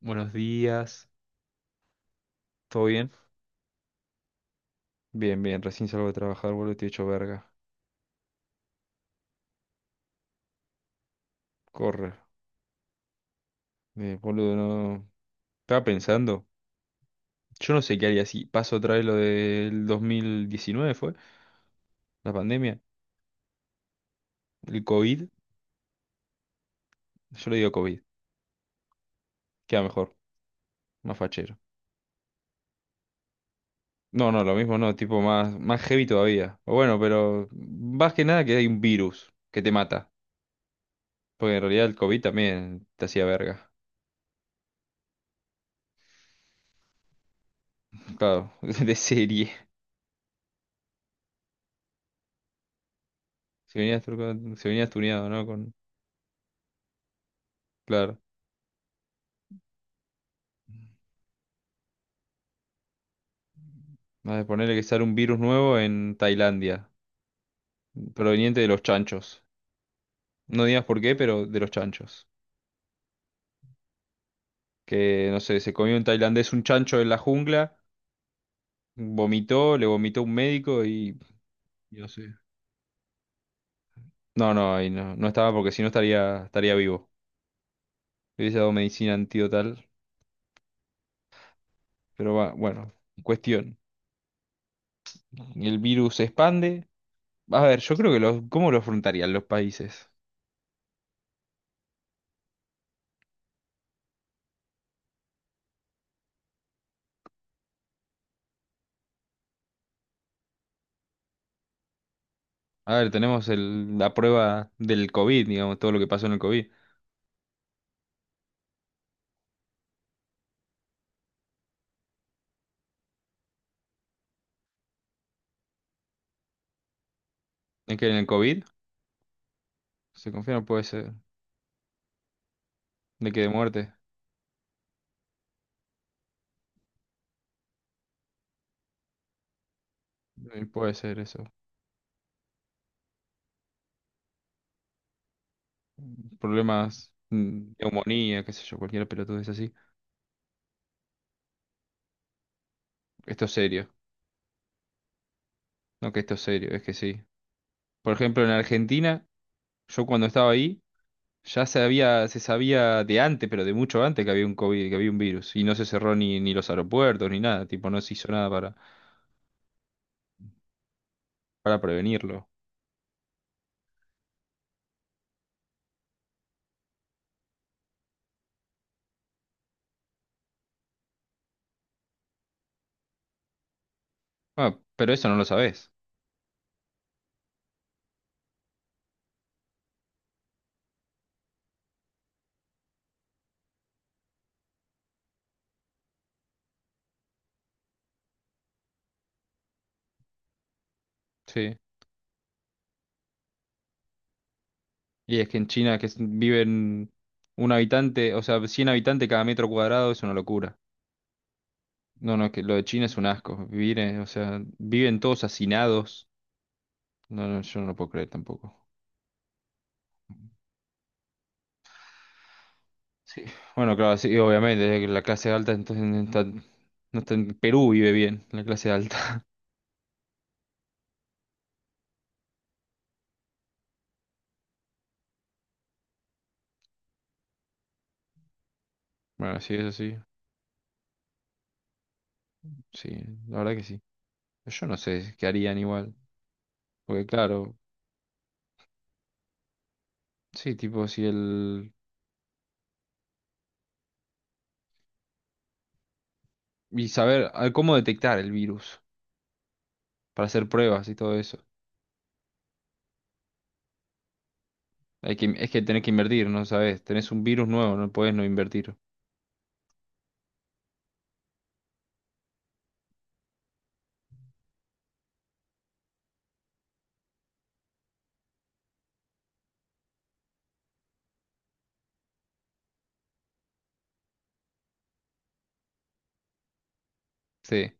Buenos días, ¿todo bien? Bien, bien, recién salgo de trabajar, boludo, te he hecho verga. Corre, boludo, no. Estaba pensando, yo no sé qué haría si paso otra vez lo del 2019, ¿fue? La pandemia, el COVID, yo le digo COVID, queda mejor, más fachero. No, no, lo mismo no, tipo más, más heavy todavía. O bueno, pero más que nada que hay un virus que te mata, porque en realidad el COVID también te hacía verga. Claro, de serie. Se venía, se venía tuneado, ¿no? Con, claro. Vale, ponerle que sale un virus nuevo en Tailandia, proveniente de los chanchos. No digas por qué, pero de los chanchos. Que, no sé, se comió un tailandés un chancho en la jungla, vomitó, le vomitó un médico y... Yo sé. No, no, ahí no, no estaba porque si no estaría vivo. Le hubiese dado medicina antidotal, pero va, bueno, cuestión. El virus se expande. A ver, yo creo que los, ¿cómo lo afrontarían los países? A ver, tenemos la prueba del COVID, digamos, todo lo que pasó en el COVID. Es que en el COVID se confía, no puede ser. De que de muerte. Puede ser eso. Problemas, neumonía, qué sé yo, cualquier pelotudez así. Esto es serio. No que esto es serio, es que sí. Por ejemplo, en Argentina, yo cuando estaba ahí, ya se sabía de antes, pero de mucho antes que había un COVID, que había un virus. Y no se cerró ni los aeropuertos, ni nada. Tipo, no se hizo nada para prevenirlo. Ah, pero eso no lo sabés. Sí. Y es que en China viven un habitante, o sea, 100 habitantes cada metro cuadrado es una locura. No, no, que lo de China es un asco. Vivir, o sea, viven todos hacinados. No, no, yo no lo puedo creer tampoco. Sí. Bueno, claro, sí, obviamente, que la clase alta entonces no está, no está en Perú. Vive bien, la clase alta. Bueno, sí, eso sí, sí, la verdad que sí. Yo no sé qué harían igual, porque claro, sí, tipo si el... Y saber cómo detectar el virus, para hacer pruebas y todo eso. Hay que, es que tenés que invertir, ¿no sabes? Tenés un virus nuevo, no podés no invertir. Sí.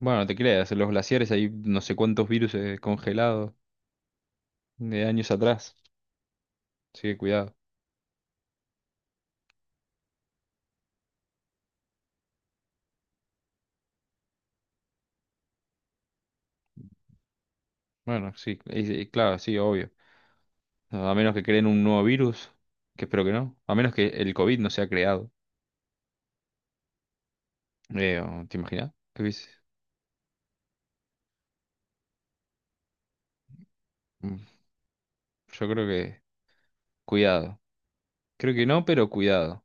Bueno, no te creas, en los glaciares hay no sé cuántos virus congelados de años atrás. Así que cuidado. Bueno, sí, y claro, sí, obvio. No, a menos que creen un nuevo virus, que espero que no. A menos que el COVID no sea creado. ¿Te imaginas? ¿Qué hubiese... Mm, yo creo que... Cuidado. Creo que no, pero cuidado.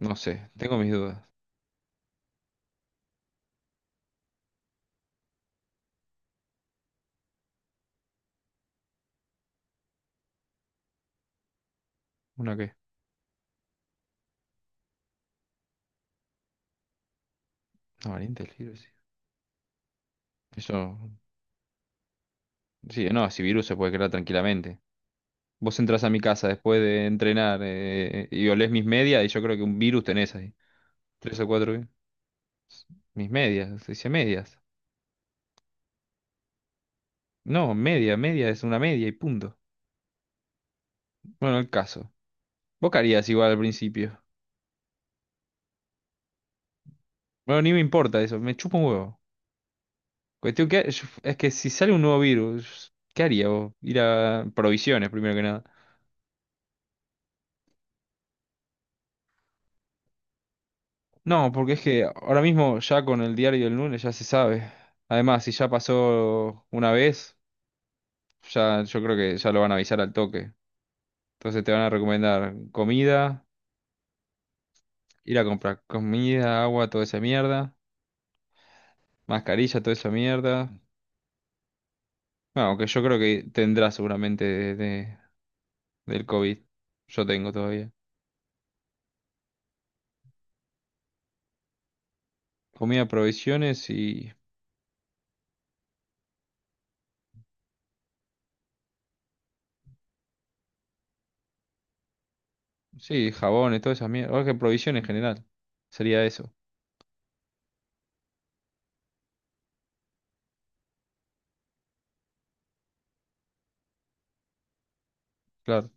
No sé, tengo mis dudas. ¿Una qué? No, valiente el virus, sí. Eso... Sí, no, si virus se puede crear tranquilamente. Vos entras a mi casa después de entrenar y olés mis medias y yo creo que un virus tenés ahí. Tres o cuatro, ¿eh? Mis medias, se dice medias. No, media, media es una media y punto. Bueno, el caso. Vos qué harías igual al principio. Bueno, ni me importa eso, me chupa un huevo. Cuestión que es que si sale un nuevo virus, ¿qué haría vos? Ir a provisiones primero que nada. No, porque es que ahora mismo ya con el diario del lunes ya se sabe. Además, si ya pasó una vez, ya yo creo que ya lo van a avisar al toque. Entonces te van a recomendar comida, ir a comprar comida, agua, toda esa mierda. Mascarilla, toda esa mierda. Bueno, aunque yo creo que tendrá seguramente del COVID. Yo tengo todavía. Comida, provisiones y... Sí, jabones, toda esa mierda. O que provisiones en general. Sería eso, claro.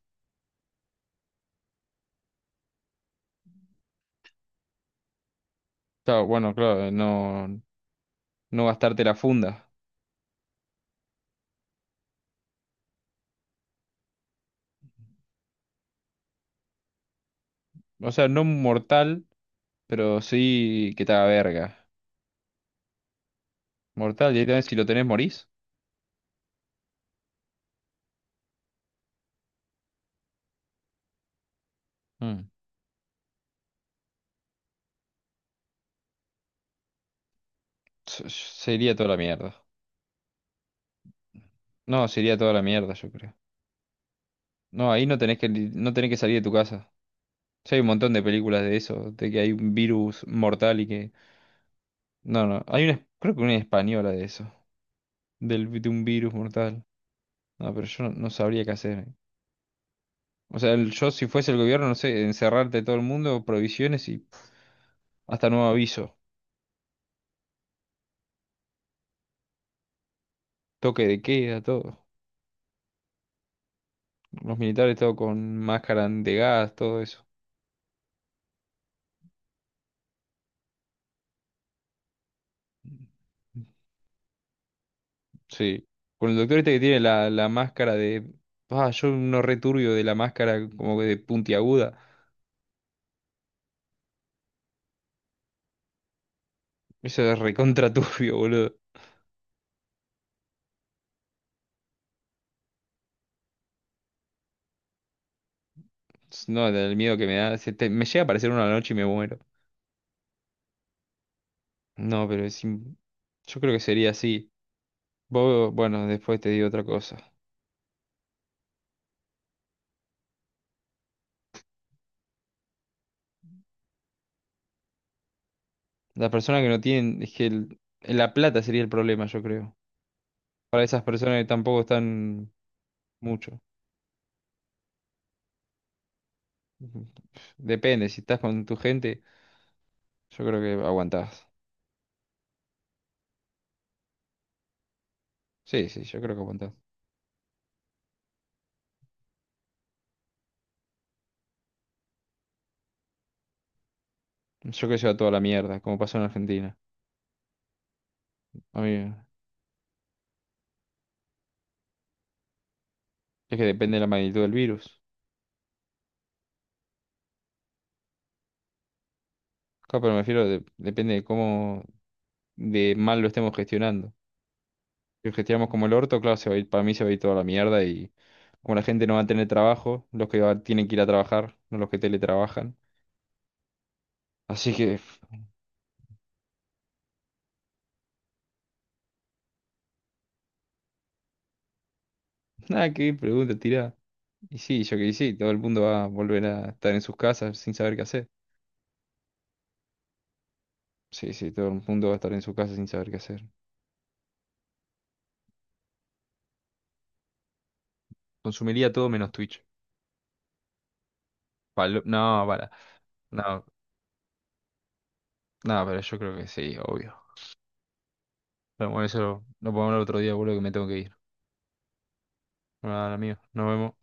Claro, bueno, claro, no, no gastarte la funda. O sea, no mortal, pero sí que te haga verga. Mortal, directamente si lo tenés morís. Mm. Sería toda la mierda. No, sería toda la mierda, yo creo. No, ahí no tenés que, no tenés que salir de tu casa. Sí, hay un montón de películas de eso, de que hay un virus mortal y que... No, no, hay una, creo que una española de eso, de un virus mortal. No, pero yo no, no sabría qué hacer. O sea, yo si fuese el gobierno, no sé, encerrarte todo el mundo, provisiones y hasta nuevo aviso, toque de queda, todo. Los militares todo con máscara de gas, todo eso. Sí. Con el doctor este que tiene la máscara de... Ah, yo no returbio de la máscara como que de puntiaguda. Eso es recontra turbio, boludo. No, del miedo que me da me llega a aparecer una noche y me muero. No, pero yo creo que sería así. Vos, bueno, después te digo otra cosa. Las personas que no tienen, es que la plata sería el problema, yo creo. Para esas personas que tampoco están mucho. Depende, si estás con tu gente, yo creo que aguantás. Sí, sí, yo creo que aguantás. Yo creo que se va toda la mierda, como pasó en Argentina. A mí, es que depende de la magnitud del virus. Claro, pero me refiero, depende de cómo de mal lo estemos gestionando. Que gestionamos como el orto, claro, se va a ir, para mí se va a ir toda la mierda y como la gente no va a tener trabajo, los tienen que ir a trabajar, no los que teletrabajan. Así que, pf, nada, qué pregunta, tira. Y sí, yo que y sí, todo el mundo va a volver a estar en sus casas sin saber qué hacer. Sí, sí, todo el mundo va a estar en su casa sin saber qué hacer. Consumiría todo menos Twitch. No, para. No, no, pero yo creo que sí, obvio. Pero bueno, eso lo podemos hablar otro día, boludo, que me tengo que ir. Bueno, nada, amigo, nos vemos.